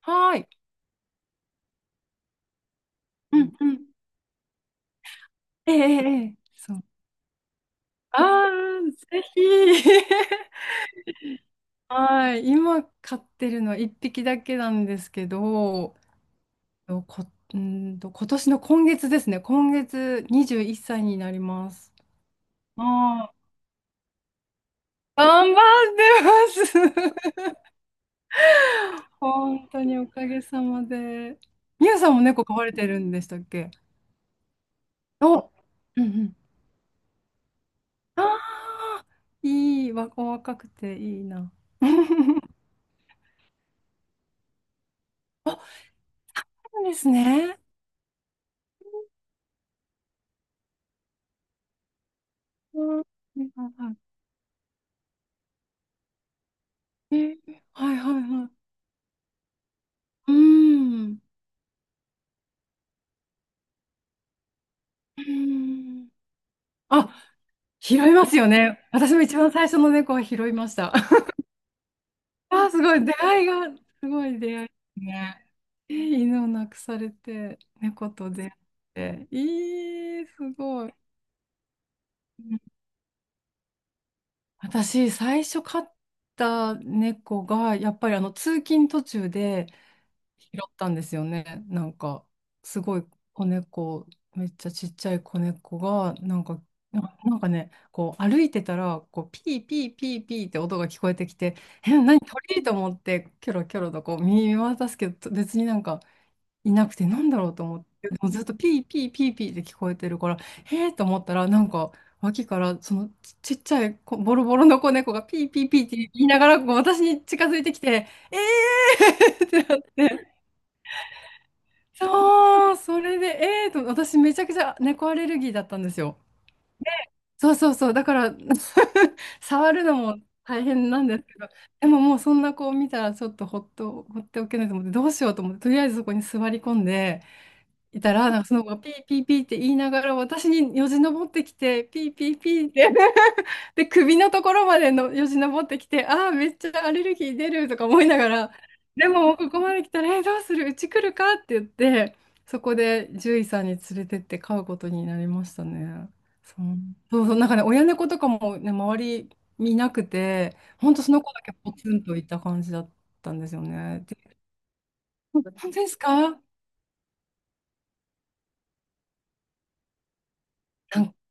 はーい。うんうん。ええ、そう。ああ、ぜひ。はい。今飼ってるのは1匹だけなんですけど、とこ、うーんと、今年の今月ですね。今月21歳になります。ああ、頑張ってます。本当におかげさまで。みゆさんも猫飼われてるんでしたっけ？お、うんうん。ああ、いい、わ、お若くていいな。そうですね。うんはいはいははい、はい、はい。うーん。うーんあ、拾いますよね。私も一番最初の猫は拾いました。あ、すごい。出会いが、すごい出会いですね。え犬を亡くされて、猫と出会って。えー、すごい。うん私、最初飼った猫が、やっぱりあの通勤途中で、拾ったんですよね。なんか、すごい子猫、めっちゃちっちゃい子猫が、なんかね、こう歩いてたら、こうピーピーピーピーって音が聞こえてきて、え、何鳥と思って、キョロキョロとこう見渡すけど、別になんかいなくて、なんだろうと思って、でもずっとピーピーピーピーって聞こえてるから、へえと思ったら、なんか、脇からちっちゃい子ボロボロの子猫がピーピーピーって言いながらこう私に近づいてきて、えーってなって。そう、それで、私めちゃくちゃ猫アレルギーだったんですよ。そうそうそう、だから 触るのも大変なんですけど、でももうそんな子を見たらちょっとほっと、ほっておけないと思って、どうしようと思って、とりあえずそこに座り込んでいたら、なんかその子がピーピーピーって言いながら、私によじ登ってきて、ピーピーピーってで、首のところまでのよじ登ってきて、ああ、めっちゃアレルギー出るとか思いながら、でももうここまで来たら、え、どうするうち来るかって言って、そこで獣医さんに連れてって飼うことになりましたね。そう、そうそう、なんかね、親猫とかもね、周り見なくて、ほんとその子だけポツンといた感じだったんですよね。で、本当ですか？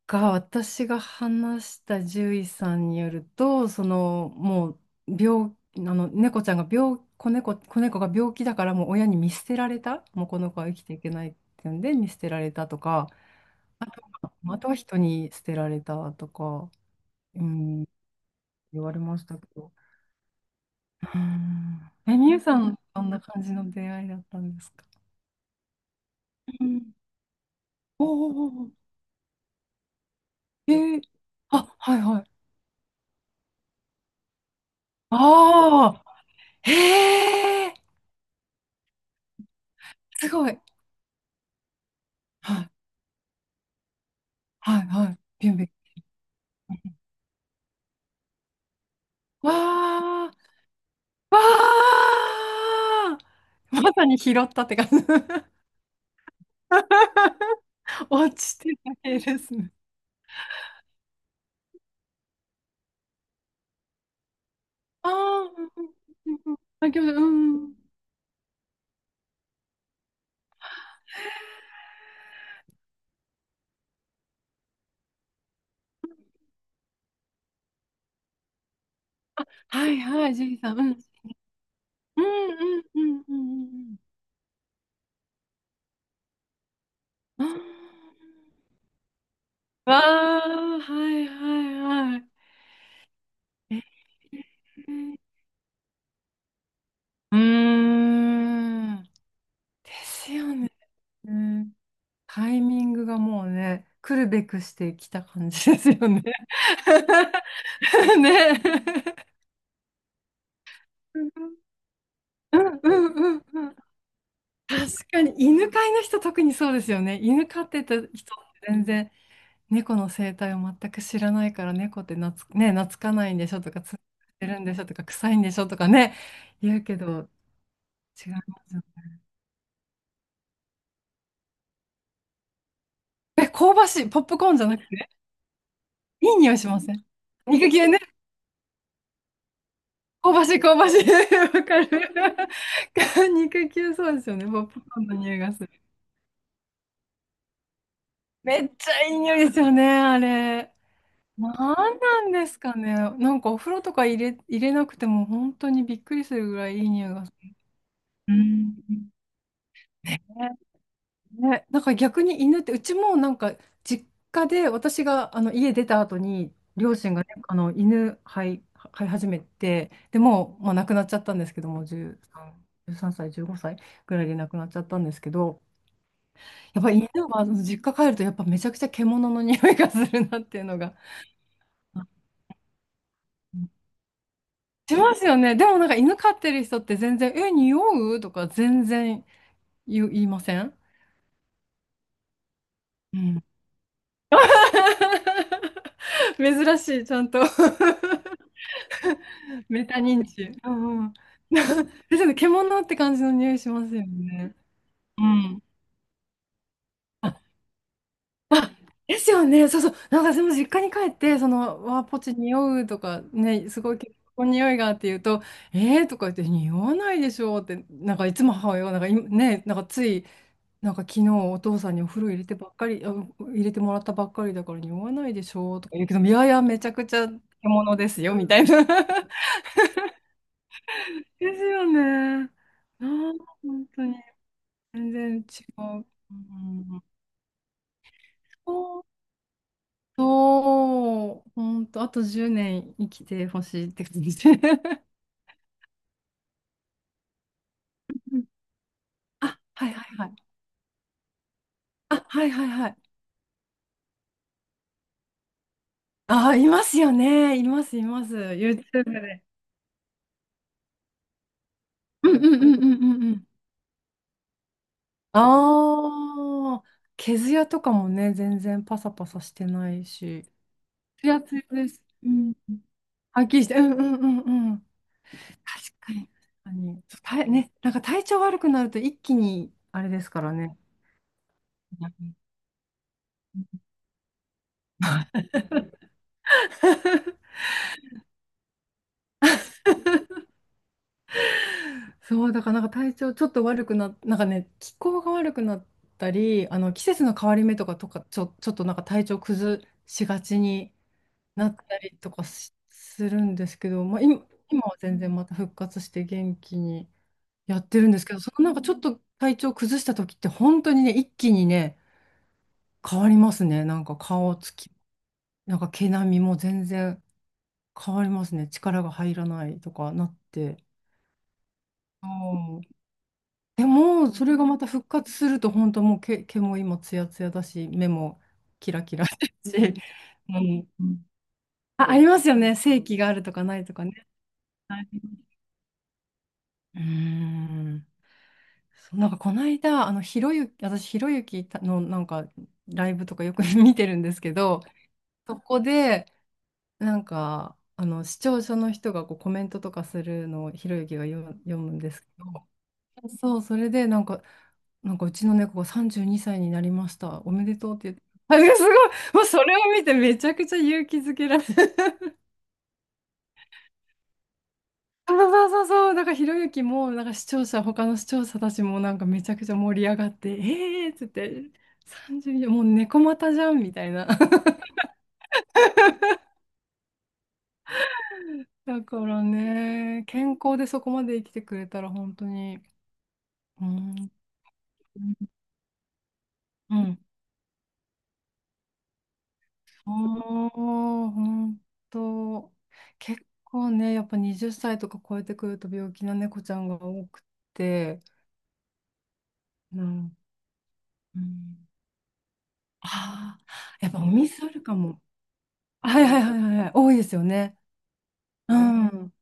が私が話した獣医さんによると、そのもう病あの猫ちゃんが病子猫、子猫が病気だからもう親に見捨てられた、もうこの子は生きていけないっていうんで見捨てられたとか、あとは人に捨てられたとか、うん、言われましたけど。うん。え、みゆさん、どんな感じの出会いだったんですか？うんおーおーおーえーあ、はいはい。ああ、へえ、すごい。はいはいはい。ビュンビュン。わー、わー、まさに拾ったって感じ。落ちてた系ですね。ああ、うんうんうんうん。あ、餃子、うん。はいはい、ジュリさん。うん。うんうんうんうんうんうん。ああ、わー、はいはいはい。えー、うーん。ですよね。タイミングがもうね、来るべくしてきた感じですよね。ね。うんうんうんうん。確かに犬飼いの人特にそうですよね。犬飼ってた人って全然猫の生態を全く知らないから、猫ってなつ、ね、懐かないんでしょとか、つってるんでしょとか、臭いんでしょとかね言うけど、違いますよね。え、香ばしいポップコーンじゃなくていい匂いしません？肉球 香ばしい、香ばしい。わかる。肉球そうですよね。ポップコーンの匂いがする。めっちゃいい匂いですよね、あれ。なんなんですかね。お風呂とか入れなくても本当にびっくりするぐらいいい匂いがする。うん。ねね、なんか逆に犬って、うちもなんか実家で私があの家出た後に両親がね、あの犬飼い、飼い始めて、でもう、まあ、亡くなっちゃったんですけども、13、1歳、15歳ぐらいで亡くなっちゃったんですけど、やっぱり犬はあの実家帰るとやっぱめちゃくちゃ獣の匂いがするなっていうのが。あ、しますよね。でもなんか犬飼ってる人って全然、え、匂うとか全然言いません？うん。珍しい、ちゃんと。メタ認知。うんうん。ですよね、獣って感じの匂いしますよね。うん。あ、ですよね。そうそう。なんかでも実家に帰って、その、わあ、ポチ匂うとかね、すごい結構匂いがって言うと、えーとか言って、匂わないでしょうって、なんかいつも母親が、なんかいね、なんかつい、なんか昨日お父さんにお風呂入れてもらったばっかりだから匂わないでしょうとか言うけど、いやいや、めちゃくちゃ獣ですよ、みたいな。ですよね。ああ、本当に。全然違う。うんそう、そう、ほんと、あと10年生きてほしいって感じ。あ、はいはいはい。あ、はいはいはい。あー、いますよね。います、います。YouTube で。うんうんうんうんうんうん。ああ、毛艶とかもね、全然パサパサしてないし。ツヤツヤです。うん。はっきりして、うんうんうんうん。確かに、確かに。そう体ね、なんか体調悪くなると一気にあれですからね。そう、だからなんか体調ちょっと悪くなっ、なんかね、気候が悪くなったり、あの季節の変わり目とか、ちょっとなんか体調崩しがちになったりとかしするんですけど、まあ、今は全然また復活して元気にやってるんですけど、そのなんかちょっと体調崩した時って本当にね、一気にね、変わりますね。なんか顔つき、なんか毛並みも全然変わりますね。力が入らないとかなって。そう、でも、それがまた復活すると、本当もう毛も今ツヤツヤだし、目もキラキラだし、うん、ありますよね。正気があるとかないとかね。はい、うん。そう、なんかこの間、あの、ひろゆき、私、ひろゆきのなんかライブとかよく 見てるんですけど、そこで、なんか、あの、視聴者の人がこうコメントとかするのをひろゆきが読む、読むんですけど、そう、それでなんか、なんかうちの猫が32歳にさいになりました。おめでとうって言って。あ、すごい。もうそれを見てめちゃくちゃ勇気づけられる。そうそうそうそう。なんかひろゆきも、なんか視聴者、他の視聴者たちもなんかめちゃくちゃ盛り上がって、えーっつって、32、もう猫股じゃんみたいな。だからね、健康でそこまで生きてくれたら本当に、うん、うん。おー、本当。結構ね、やっぱ20歳とか超えてくると病気な猫ちゃんが多くて、うん。うん、ああ、やっぱお店あるかも。はいはいはいはいはい、多いですよね。うん。うん、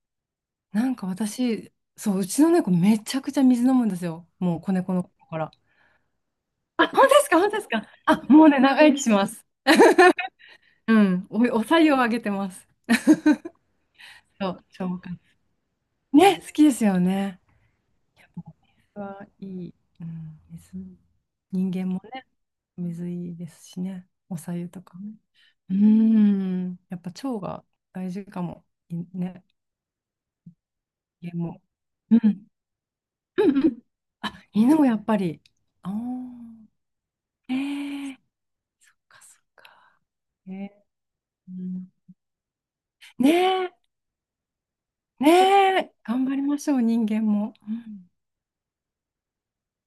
なんか私、そう、うちの猫めちゃくちゃ水飲むんですよ。もう子猫の頃から。あ、本当ですか、本当ですか。あ、もうね、長生きします。うん。お白湯をあげてます。そう、消化。ね、好きですよね。やっぱ水はいい。うん、水。人間もね、水いいですしね。お白湯とかね。うん。やっぱ腸が大事かも。いね。家も。うん。うんうん。あ、犬もやっぱり。ああ。ええ、そっかそっか。ええ、うん、ねえ。ねえ。頑張りましょう、人間も。うん